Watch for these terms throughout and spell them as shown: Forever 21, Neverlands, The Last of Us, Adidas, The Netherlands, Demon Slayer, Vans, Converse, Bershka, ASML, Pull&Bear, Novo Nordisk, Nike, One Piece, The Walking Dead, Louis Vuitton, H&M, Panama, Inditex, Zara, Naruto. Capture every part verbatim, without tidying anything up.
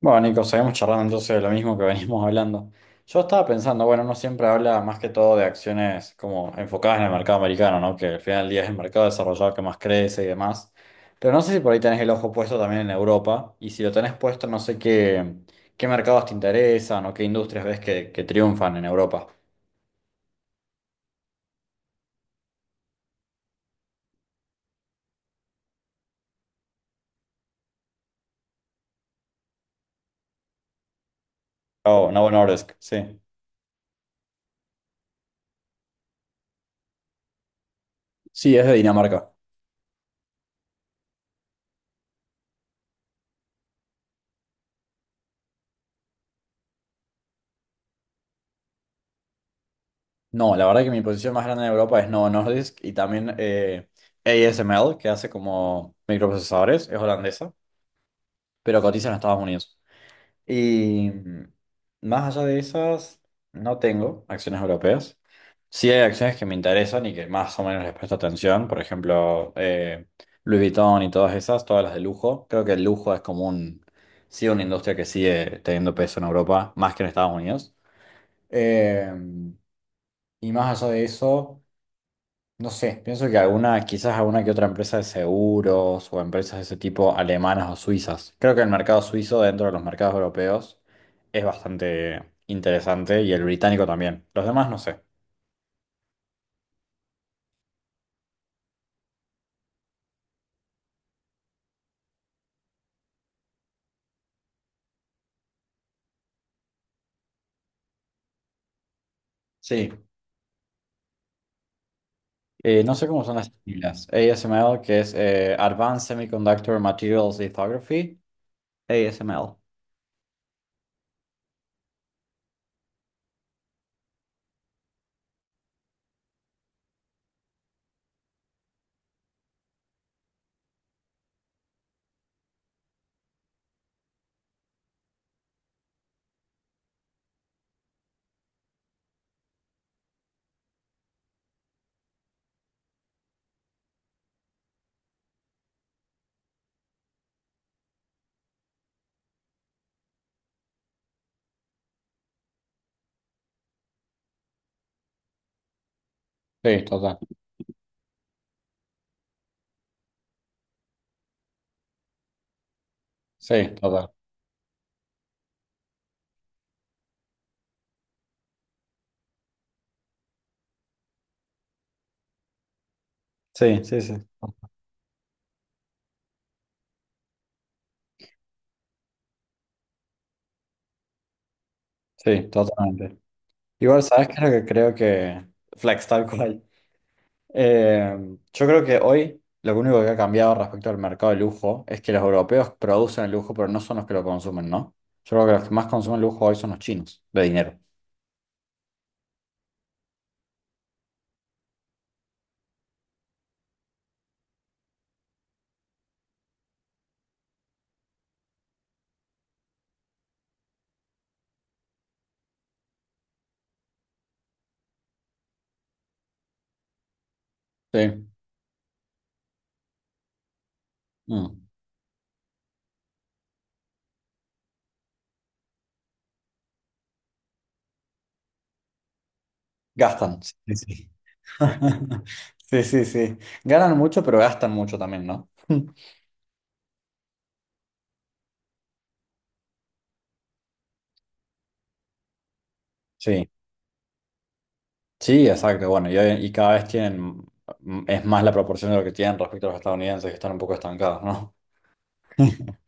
Bueno, Nico, seguimos charlando entonces de lo mismo que venimos hablando. Yo estaba pensando, bueno, uno siempre habla más que todo de acciones como enfocadas en el mercado americano, ¿no? Que al final del día es el mercado desarrollado que más crece y demás. Pero no sé si por ahí tenés el ojo puesto también en Europa. Y si lo tenés puesto, no sé qué, qué mercados te interesan o qué industrias ves que, que triunfan en Europa. Oh, Novo Nordisk, sí. Sí, es de Dinamarca. No, la verdad que mi posición más grande en Europa es Novo Nordisk y también eh, A S M L, que hace como microprocesadores, es holandesa. Pero cotiza en Estados Unidos. Y mm, más allá de esas, no tengo acciones europeas. Sí hay acciones que me interesan y que más o menos les presto atención, por ejemplo, eh, Louis Vuitton y todas esas, todas las de lujo. Creo que el lujo es como un, sí, una industria que sigue teniendo peso en Europa, más que en Estados Unidos. Eh, y más allá de eso. No sé, pienso que alguna, quizás alguna que otra empresa de seguros o empresas de ese tipo alemanas o suizas. Creo que el mercado suizo dentro de los mercados europeos es bastante interesante y el británico también. Los demás no sé. Sí, eh, no sé cómo son las siglas. A S M L, que es eh, Advanced Semiconductor Materials Lithography. A S M L. Sí, total. Sí, total. Sí, sí, sí. Sí, totalmente. Igual, ¿sabes qué es lo que creo que... Flex, tal cual. Eh, yo creo que hoy lo único que ha cambiado respecto al mercado de lujo es que los europeos producen el lujo, pero no son los que lo consumen, ¿no? Yo creo que los que más consumen lujo hoy son los chinos, de dinero. Sí. Mm. Gastan. Sí, sí. Sí, sí, sí. Sí. Ganan mucho, pero gastan mucho también, ¿no? Sí, sí, exacto. Bueno, y, hoy- y cada vez tienen, mm, es más la proporción de lo que tienen respecto a los estadounidenses, que están un poco estancados, ¿no?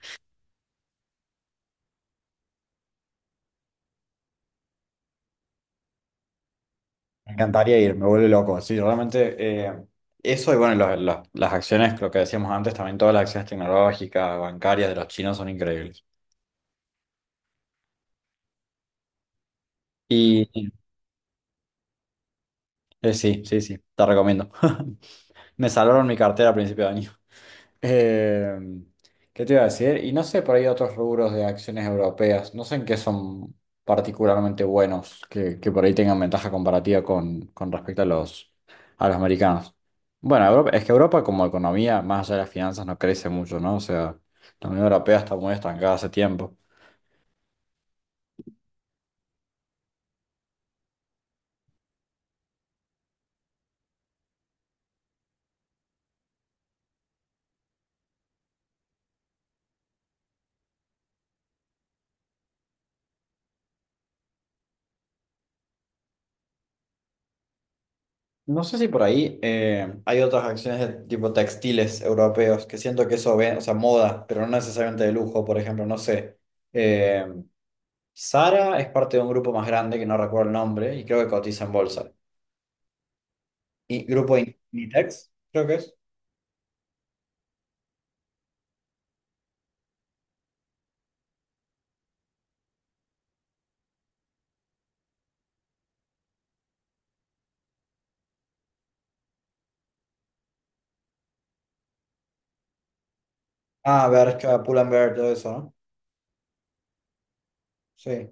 Me encantaría ir, me vuelve loco. Sí, realmente eh, eso y bueno, lo- lo- las acciones, lo que decíamos antes, también todas las acciones tecnológicas, bancarias de los chinos son increíbles. Y eh, sí, sí, sí, te recomiendo. Me salvaron mi cartera a principio de año. Eh, ¿Qué te iba a decir? Y no sé, por ahí otros rubros de acciones europeas, no sé en qué son particularmente buenos, que, que por ahí tengan ventaja comparativa con, con respecto a los, a los americanos. Bueno, Europa- es que Europa como economía, más allá de las finanzas, no crece mucho, ¿no? O sea, la Unión Europea está muy estancada hace tiempo. No sé si por ahí eh, hay otras acciones de tipo textiles europeos, que siento que eso ven, o sea, moda, pero no necesariamente de lujo, por ejemplo, no sé. em, Sara es parte de un grupo más grande que no recuerdo el nombre y creo que cotiza en bolsa. Y grupo In- Inditex, creo que es. Ah, Bershka, Pull&Bear, todo eso, ¿no? Sí.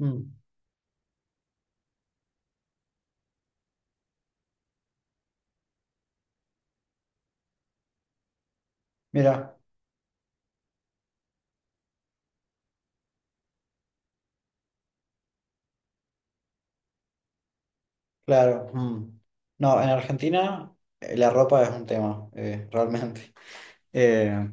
Mm. Mira, claro. Mm. No, en Argentina eh, la ropa es un tema, eh, realmente. Eh,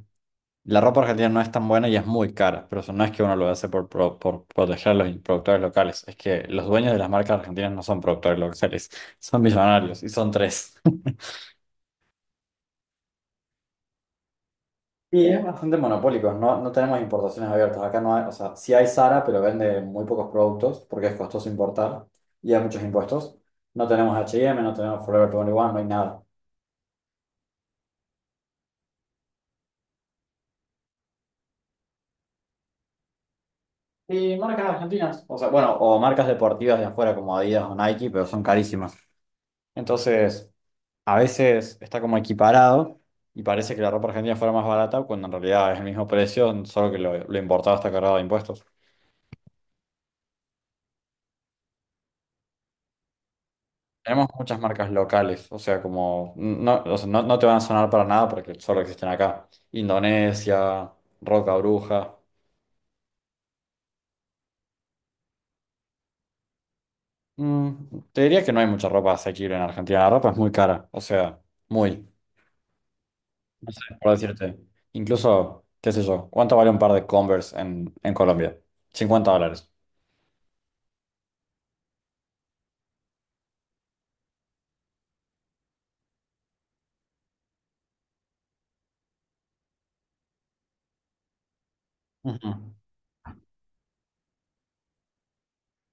la ropa argentina no es tan buena y es muy cara, pero eso no es que uno lo hace por, pro- por proteger a los productores locales, es que los dueños de las marcas argentinas no son productores locales, son millonarios y son tres. Y es bastante monopólico, no, no tenemos importaciones abiertas. Acá no hay, o sea, sí hay Zara, pero vende muy pocos productos porque es costoso importar y hay muchos impuestos. No tenemos H y M, no tenemos Forever twenty one, no hay nada. Y marcas argentinas, o sea, bueno, o marcas deportivas de afuera como Adidas o Nike, pero son carísimas. Entonces, a veces está como equiparado y parece que la ropa argentina fuera más barata cuando en realidad es el mismo precio, solo que lo, lo importado está cargado de impuestos. Tenemos muchas marcas locales, o sea, como no, o sea, no, no te van a sonar para nada porque solo existen acá. Indonesia, Roca Bruja. Mm, Te diría que no hay mucha ropa asequible en Argentina. La ropa es muy cara, o sea, muy. No sé, por decirte. Incluso, qué sé yo, ¿cuánto vale un par de Converse en, en Colombia? Cincuenta dólares. Ujú.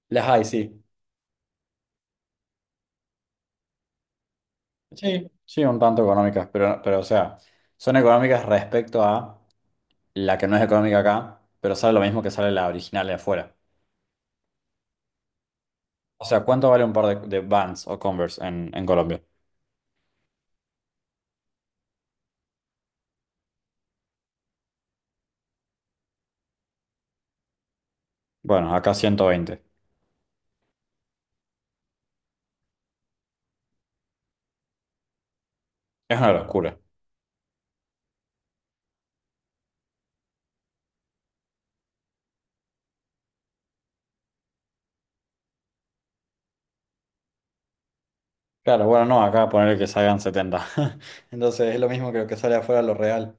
Las hay, sí. Sí, sí, un tanto económicas, pero, pero o sea, son económicas respecto a la que no es económica acá, pero sale lo mismo que sale la original de afuera. O sea, ¿cuánto vale un par de, de Vans o Converse en, en Colombia? Bueno, acá ciento veinte. Es una locura. Claro, bueno, no, acá ponerle que salgan setenta. Entonces es lo mismo que lo que sale afuera lo real.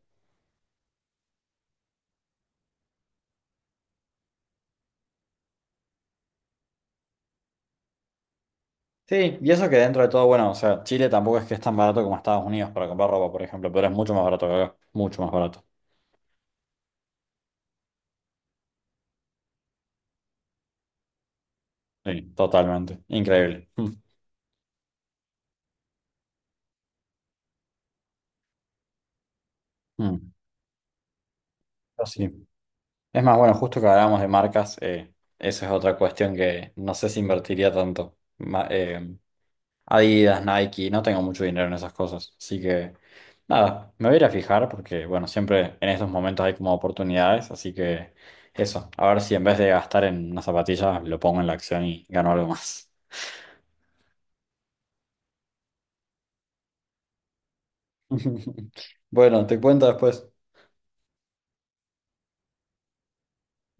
Sí, y eso que dentro de todo, bueno, o sea, Chile tampoco es que es tan barato como Estados Unidos para comprar ropa, por ejemplo, pero es mucho más barato que acá. Mucho más barato. Sí, totalmente. Increíble. Mm, mm. Pero sí. Es más, bueno, justo que hablábamos de marcas, eh, eso es otra cuestión que no sé si invertiría tanto. Ma- eh, Adidas, Nike, no tengo mucho dinero en esas cosas. Así que, nada, me voy a ir a fijar porque, bueno, siempre en estos momentos hay como oportunidades. Así que, eso, a ver si en vez de gastar en una zapatilla, lo pongo en la acción y gano algo más. Bueno, te cuento después.